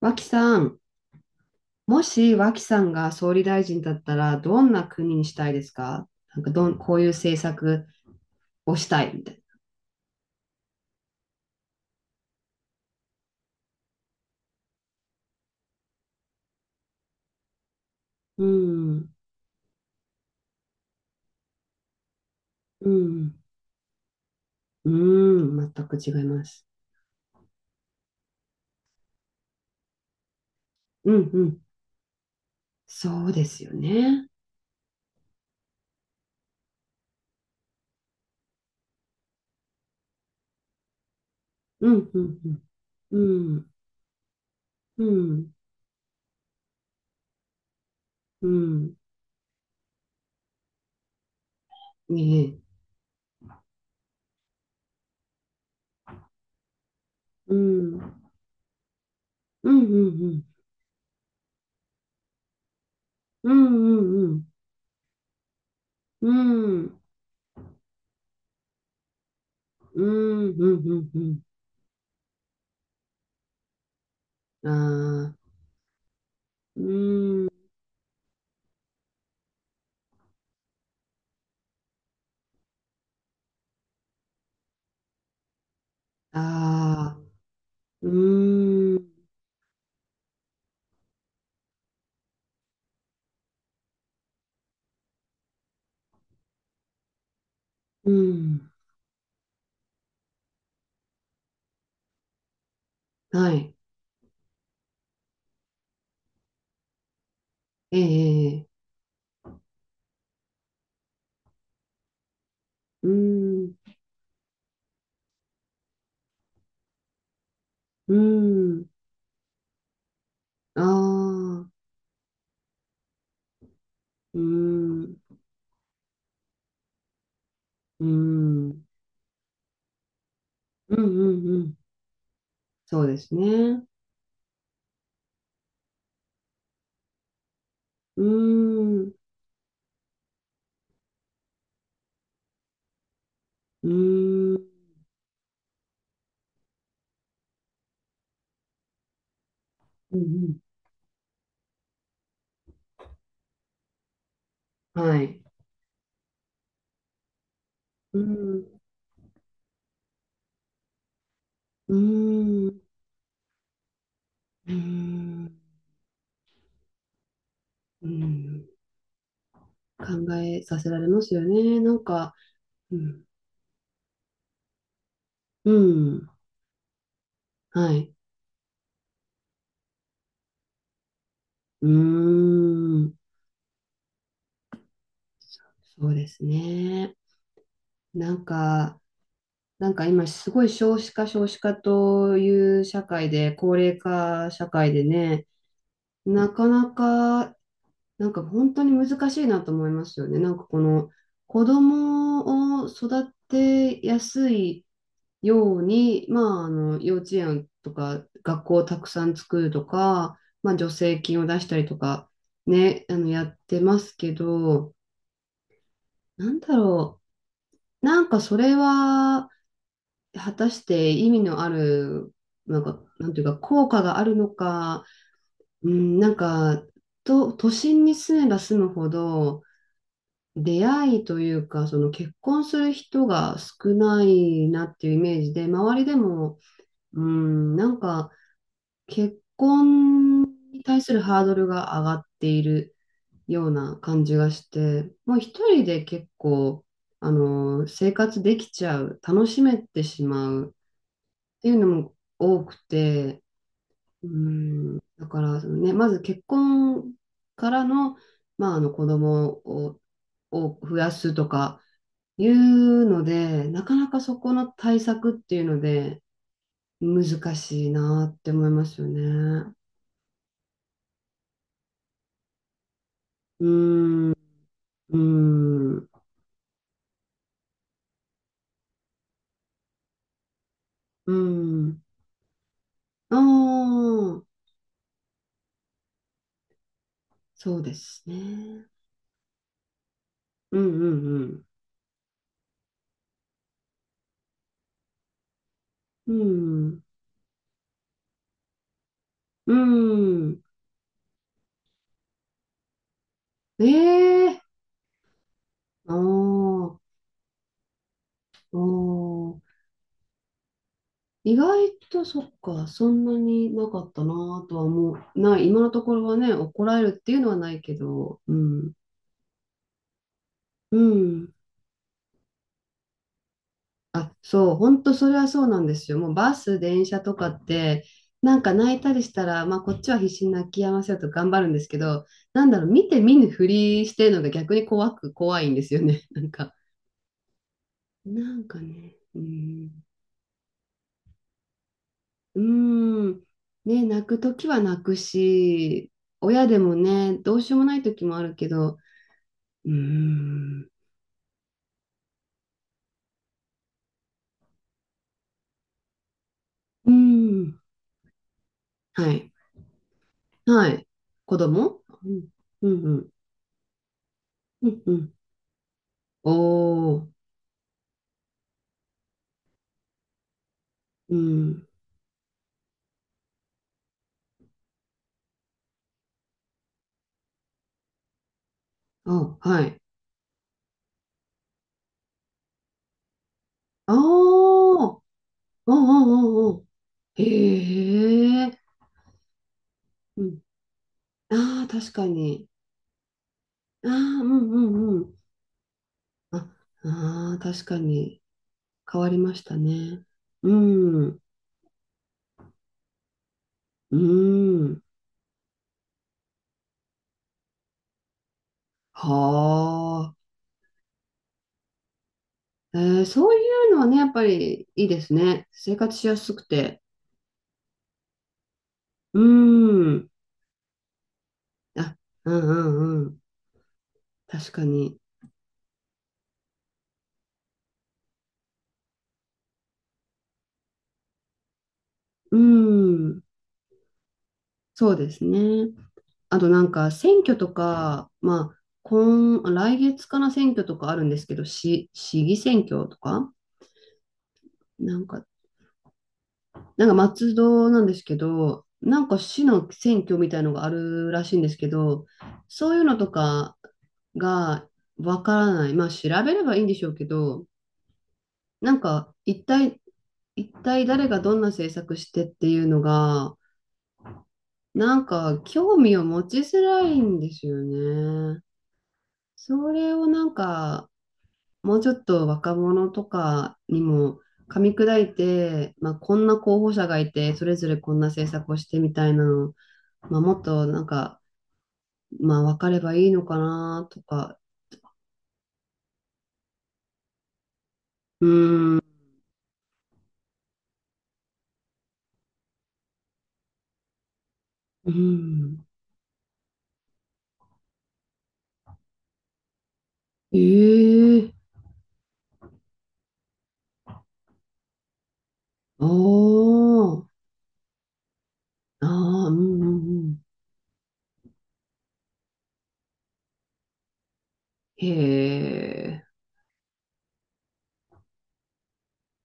脇さん、もし脇さんが総理大臣だったら、どんな国にしたいですか？なんかどん、こういう政策をしたいみたいな。うん、うん、うん、全く違います。うん、うん、そうですよね。うん、うん、うん、うん、うん、うん、ええ、うん、うん、うん、うん、うん、うん、うん、うん、うん、うん、うん、うん、ああ、うん、ああ、うん、うん。はい。ええ、ええ、うーん、うーん、ああ、うーん、うーん、うん、うん、うん、そうですね。うーん、うーん、うんうん、はい。うーん、うーん、うーん、うーん考えさせられますよね。なんか、うん、うん、はい。うーん、そうですね。なんか、なんか今すごい少子化少子化という社会で高齢化社会でね、なかなか、なんか本当に難しいなと思いますよね。なんかこの子供を育てやすいように、まああの幼稚園とか学校をたくさん作るとか、まあ助成金を出したりとかね、あのやってますけど、なんだろう、なんかそれは果たして意味のある、なんか、なんていうか、効果があるのか、うん、なんか、都心に住めば住むほど、出会いというか、その結婚する人が少ないなっていうイメージで、周りでも、うん、なんか、結婚に対するハードルが上がっているような感じがして、もう一人で結構、あの、生活できちゃう、楽しめてしまうっていうのも多くて、うん、だから、そのね、まず結婚からの、まあ、あの子供を、を増やすとかいうので、なかなかそこの対策っていうので、難しいなって思いますよね。うーん、うーん、うーん。ああ、そうですね。うんうんうん。うん、うん。ええー、ああ、おー、意外とそっか、そんなになかったなぁとは思う。ない、今のところはね、怒られるっていうのはないけど、うん。うん。あ、そう、本当それはそうなんですよ。もうバス、電車とかって、なんか泣いたりしたら、まあこっちは必死に泣き止ませようと頑張るんですけど、なんだろう、見て見ぬふりしてるのが逆に怖く、怖いんですよね。なんか、なんかね、うん。うーん。ね、泣くときは泣くし、親でもね、どうしようもないときもあるけど、うーん。うん。はい。はい。子供うん。うん。うん。うんうん。おお。うん。あ、はい。ああ。おーおーおーおー。へえ。うん。ああ、確かに。ああ、うんうんうんうん、おーうんあ、ああ、確かに。変わりましたね。うん。うん。はあ。えー、そういうのはね、やっぱりいいですね。生活しやすくて。うん。あ、うんうんうん。確かに。うん。そうですね。あとなんか選挙とか、まあ、今、来月かな、選挙とかあるんですけど、市議選挙とか、なんか、なんか松戸なんですけど、なんか市の選挙みたいのがあるらしいんですけど、そういうのとかがわからない。まあ調べればいいんでしょうけど、なんか一体、一体誰がどんな政策してっていうのが、なんか興味を持ちづらいんですよね。それをなんかもうちょっと若者とかにも噛み砕いて、まあ、こんな候補者がいてそれぞれこんな政策をしてみたいなの、まあ、もっとなんか、まあ、分かればいいのかなとか。うーん。うん。ええああ。あーうんうんうん。へえ。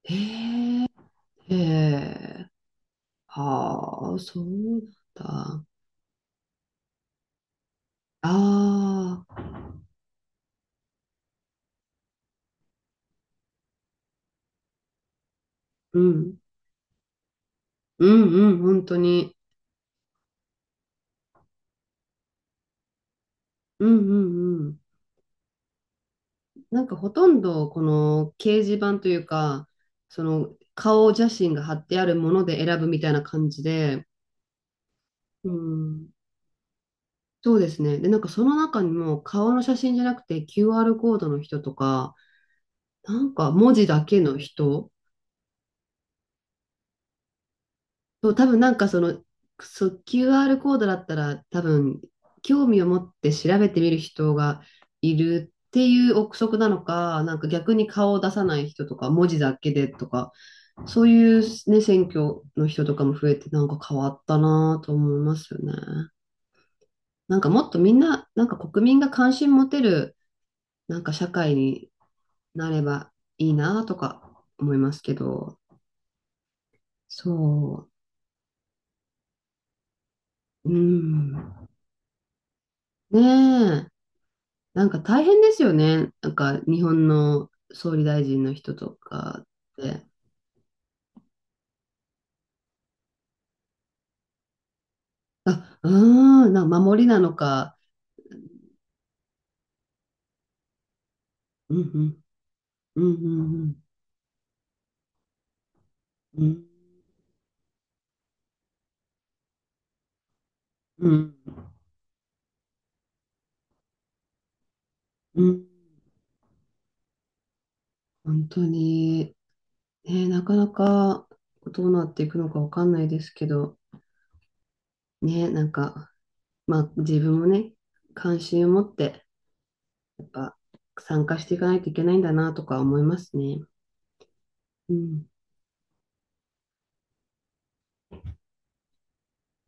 へえ。へえ。はあ、そうなんだ。ああ、うん。うんうん、本当に。うんうんうん。なんかほとんどこの掲示板というか、その顔写真が貼ってあるもので選ぶみたいな感じで、うん、そうですね。で、なんかその中にも顔の写真じゃなくて QR コードの人とか、なんか文字だけの人。そう、多分なんかその、そう QR コードだったら多分興味を持って調べてみる人がいるっていう憶測なのか、なんか逆に顔を出さない人とか、文字だけでとか、そういうね、選挙の人とかも増えてなんか変わったなぁと思いますよね。なんかもっとみんな、なんか国民が関心持てる、なんか社会になればいいなぁとか思いますけど、そう、うん。ねえ。なんか大変ですよね。なんか日本の総理大臣の人とかって。あ、あー、なんか守りなのか。うんうん。うんうんうん。うん。うん。本当に。ね、なかなかどうなっていくのかわかんないですけど。ね、なんか、まあ自分もね、関心を持って、やっぱ参加していかないといけないんだなとか思いますね。うん。